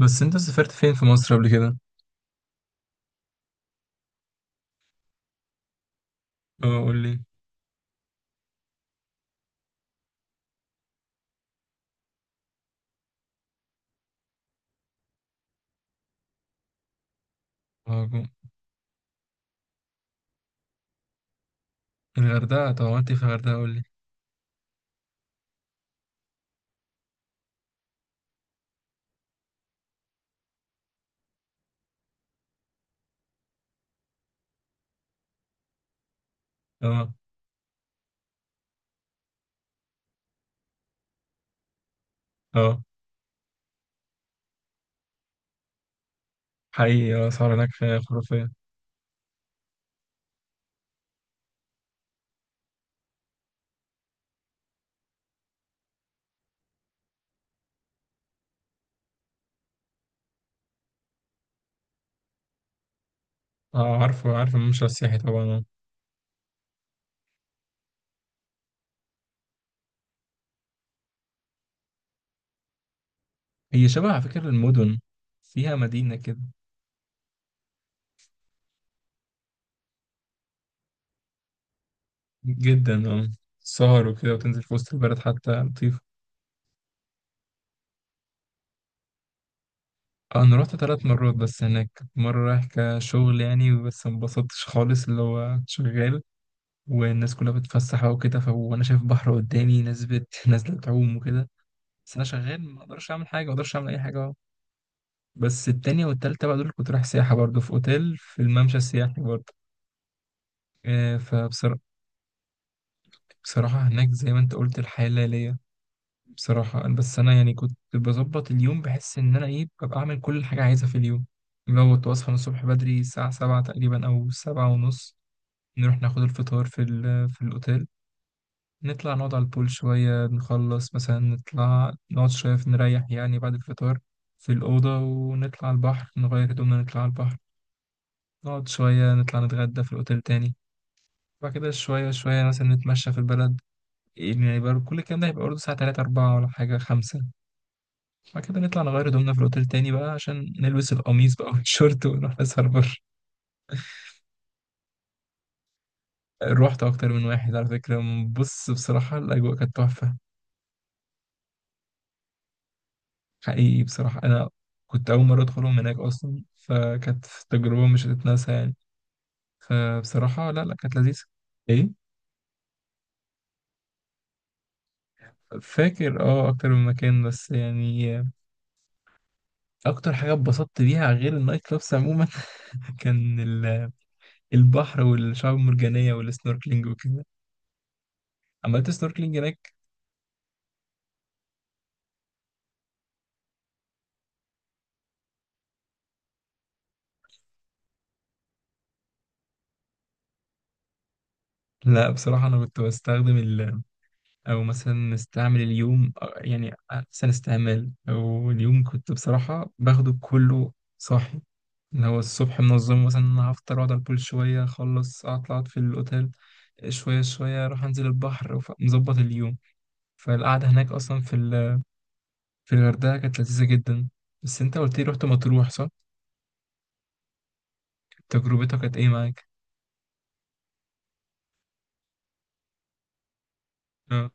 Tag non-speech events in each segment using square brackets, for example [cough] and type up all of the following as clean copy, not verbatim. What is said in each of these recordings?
بس انت سافرت فين في مصر قبل كده؟ اه قول لي. اه جو- الغردقه، طب عملت ايه في الغردقه؟ قول لي. اه اه حقيقي، اسعار هناك خرافيه. اه عارف الممشى السياحي طبعا، اه. هي شبه على فكره المدن فيها مدينه كده، جدا اه. سهر وكده وتنزل في وسط البلد حتى لطيفه. اه، انا رحت 3 مرات، بس هناك مره رايح كشغل يعني، بس ما انبسطتش خالص اللي هو شغال والناس كلها بتتفسح بقى وكده، وانا شايف بحر قدامي، ناس [laughs] نازله تعوم وكده. بس انا شغال ما اقدرش اعمل حاجه، ما اقدرش اعمل اي حاجه اهو. بس التانية والتالتة بقى دول كنت رايح سياحه برضه في اوتيل في الممشى السياحي برضه. فبصراحه هناك زي ما انت قلت الحياه الليليه بصراحه، بس انا يعني كنت بظبط اليوم، بحس ان انا ايه ببقى اعمل كل حاجه عايزها في اليوم. لو كنت بصحى من الصبح بدري الساعه 7 تقريبا او 7 ونص، نروح ناخد الفطار في في الاوتيل. نطلع نقعد على البول شوية، نخلص مثلا نطلع نقعد شوية نريح يعني بعد الفطار في الأوضة، ونطلع على البحر، نغير هدومنا نطلع على البحر. نقعد شوية نطلع نتغدى في الأوتيل تاني. بعد كده شوية شوية مثلا نتمشى في البلد. يعني برضه كل الكلام ده هيبقى برضه الساعة 3، 4 ولا حاجة 5. بعد كده نطلع نغير هدومنا في الأوتيل تاني بقى عشان نلبس القميص بقى [laughs] والشورت ونروح نسهر بره. روحت أكتر من واحد على فكرة. بص بصراحة الأجواء كانت تحفة. حقيقي بصراحة أنا كنت أول مرة أدخلهم هناك أصلا، فكانت تجربة مش هتتنسى يعني. فبصراحة لا لا، كانت لذيذة. إيه. فاكر أه، أكتر من مكان بس يعني. أكتر حاجة اتبسطت بيها غير النايت كلابس عموما [laughs] كان البحر والشعاب المرجانية والسنوركلينج وكده. عملت سنوركلينج هناك. لا بصراحة أنا كنت بستخدم، او مثلا استعمل اليوم يعني احسن استعمال، او اليوم كنت بصراحه باخده كله صاحي. اللي هو الصبح منظم مثلا، انا هفطر واقعد على البول شويه اخلص، اطلع أقعد في الاوتيل شويه شويه، اروح انزل البحر مظبط اليوم. فالقعده هناك اصلا في في الغردقه كانت لذيذه جدا. بس انت قلت لي رحت مطروح، صح؟ تجربتك كانت ايه معاك؟ اه.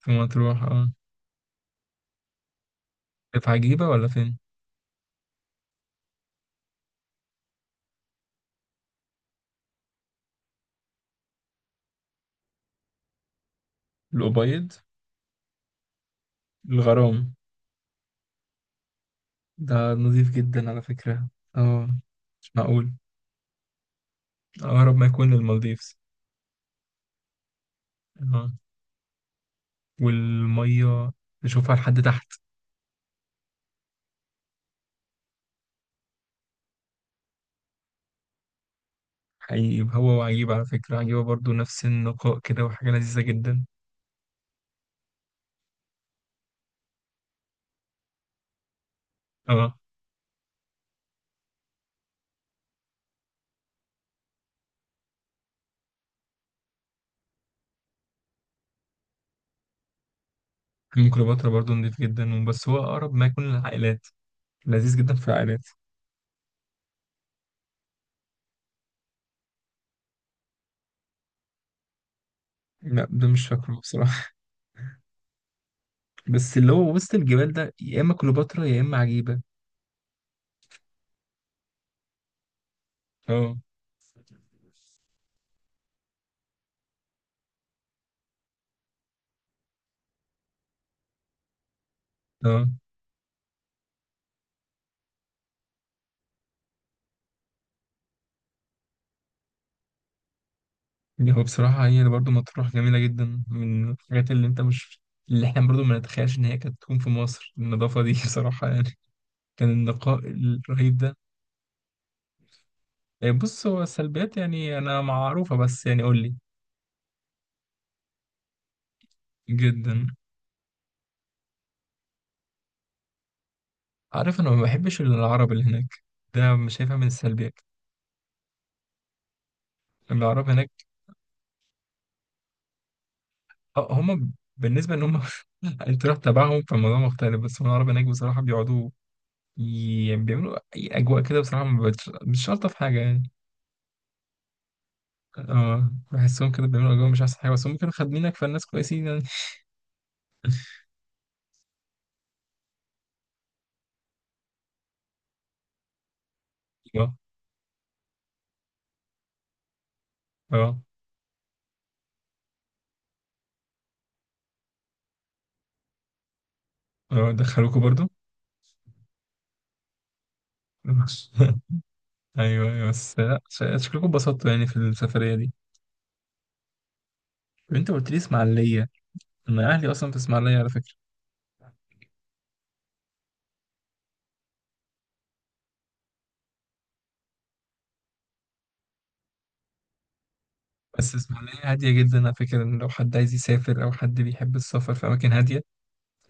في مطروح، اه. في عجيبه ولا فين؟ الابيض. الغرام. ده نظيف جدا على فكرة. اه، مش معقول. أقرب ما يكون للمالديفز. اه. والمية نشوفها لحد تحت. حقيقي، هو وعجيبة على فكرة، عجيبة برضو نفس النقاء كده، وحاجة لذيذة جدا. اه. حمام كليوباترا برضو نظيف جدا، بس هو أقرب ما يكون للعائلات. لذيذ جدا في العائلات. لا ده مش فاكره بصراحة [laughs] بس اللي هو وسط الجبال ده يا إما كليوباترا يا إما عجيبة. اه اه. يعني هو بصراحة هي برضه مطروح جميلة جدا. من الحاجات اللي انت مش، اللي احنا برضه ما نتخيلش ان هي كانت تكون في مصر النظافة دي [laughs] بصراحة يعني، كان النقاء الرهيب ده. إيه بص، هو السلبيات يعني انا معروفة، بس يعني قول لي. جدا. عارف انا ما بحبش العرب اللي هناك. ده مش شايفها من السلبيات. العرب هناك. اه، هم بالنسبة ان هم [laughs] انت رحت تبعهم فالموضوع مختلف. بس هم العرب هناك بصراحة بيقعدوا، يعني بيعملوا اي اجواء كده، بصراحة ما بتش- مش شرط في حاجة يعني. اه، بحسهم كده بيعملوا جو مش احسن حاجه، بس هم كانوا خادمينك، فالناس كويسين يعني. اه. اه. اه، دخلوكوا برضو. [laughs] ايوه ايوه، بس لا شكلكم اتبسطتوا يعني في السفريه دي. طب انت قلت لي اسماعيليه. انا اهلي اصلا في اسماعيليه على فكره. بس اسماعيليه هاديه جدا على فكره، ان لو حد عايز يسافر او حد بيحب السفر في اماكن هاديه،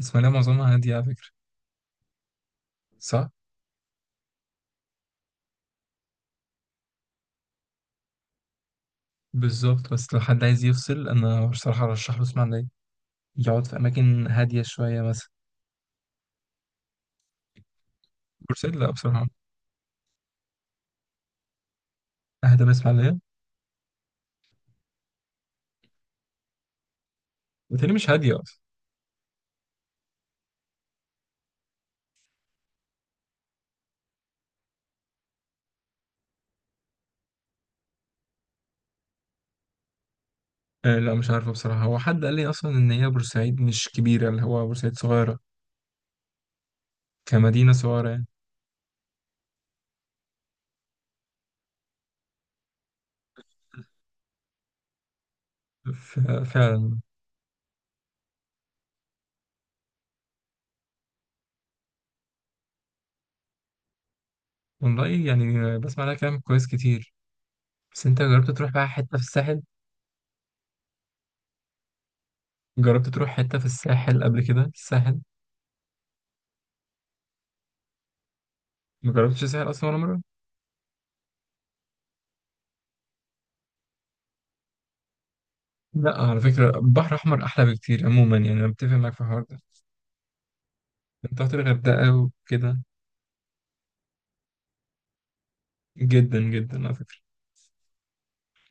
اسماعيليه معظمها هاديه على فكره. صح. بالظبط، بس لو حد عايز يفصل انا بصراحه ارشح له اسماعيليه، يقعد في اماكن هاديه شويه مثلا. بورسعيد لا بصراحه اهدى من اسماعيليه. وتاني مش هاديه اصلا. آه لا، مش عارفة بصراحة. هو حد قال لي أصلا إن هي بورسعيد مش كبيرة، اللي هو بورسعيد صغيرة، كمدينة صغيرة يعني. ف- فعلا. والله يعني بسمع لها كلام كويس كتير. بس أنت جربت تروح بقى حتة في الساحل؟ جربت تروح حتة في الساحل قبل كده؟ الساحل؟ ما جربتش الساحل أصلا ولا مرة؟ لا على فكرة البحر الأحمر أحلى بكتير عموما، يعني أنا متفق معاك في الحوار ده. أنت رحت الغردقة وكده. جدا جدا على فكرة.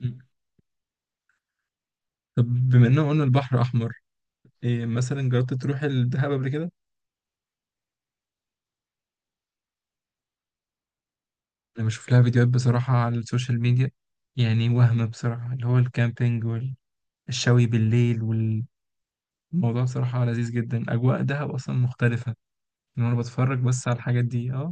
م. طب بما إننا قلنا البحر أحمر، إيه مثلا جربت تروح الدهب قبل كده؟ انا بشوف لها فيديوهات بصراحة على السوشيال ميديا، يعني وهم بصراحة اللي هو الكامبينج والشوي بالليل والموضوع، صراحة لذيذ جدا. اجواء دهب اصلا مختلفة، ان انا بتفرج بس على الحاجات دي اه.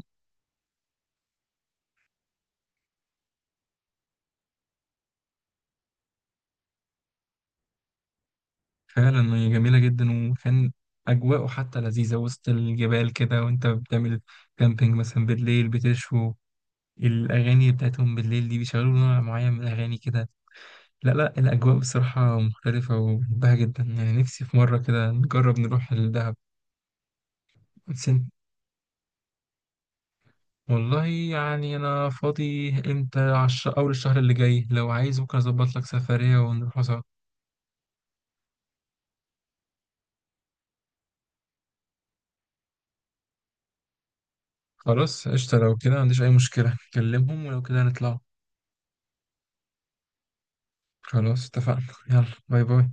فعلا هي جميلة جدا، وكان اجواءه حتى لذيذة، وسط الجبال كده وانت بتعمل كامبينج مثلا بالليل بتشوي. الاغاني بتاعتهم بالليل دي بيشغلوا نوع معين من الاغاني كده. لا لا الاجواء بصراحة مختلفة وبحبها جدا، يعني نفسي في مرة كده نجرب نروح الدهب. بس والله يعني أنا فاضي. إمتى أول الشهر اللي جاي؟ لو عايز ممكن أظبط لك سفرية ونروح سوا. خلاص قشطة، لو كده ما عنديش أي مشكلة، كلمهم ولو كده نطلع. خلاص اتفقنا. يلا. باي باي.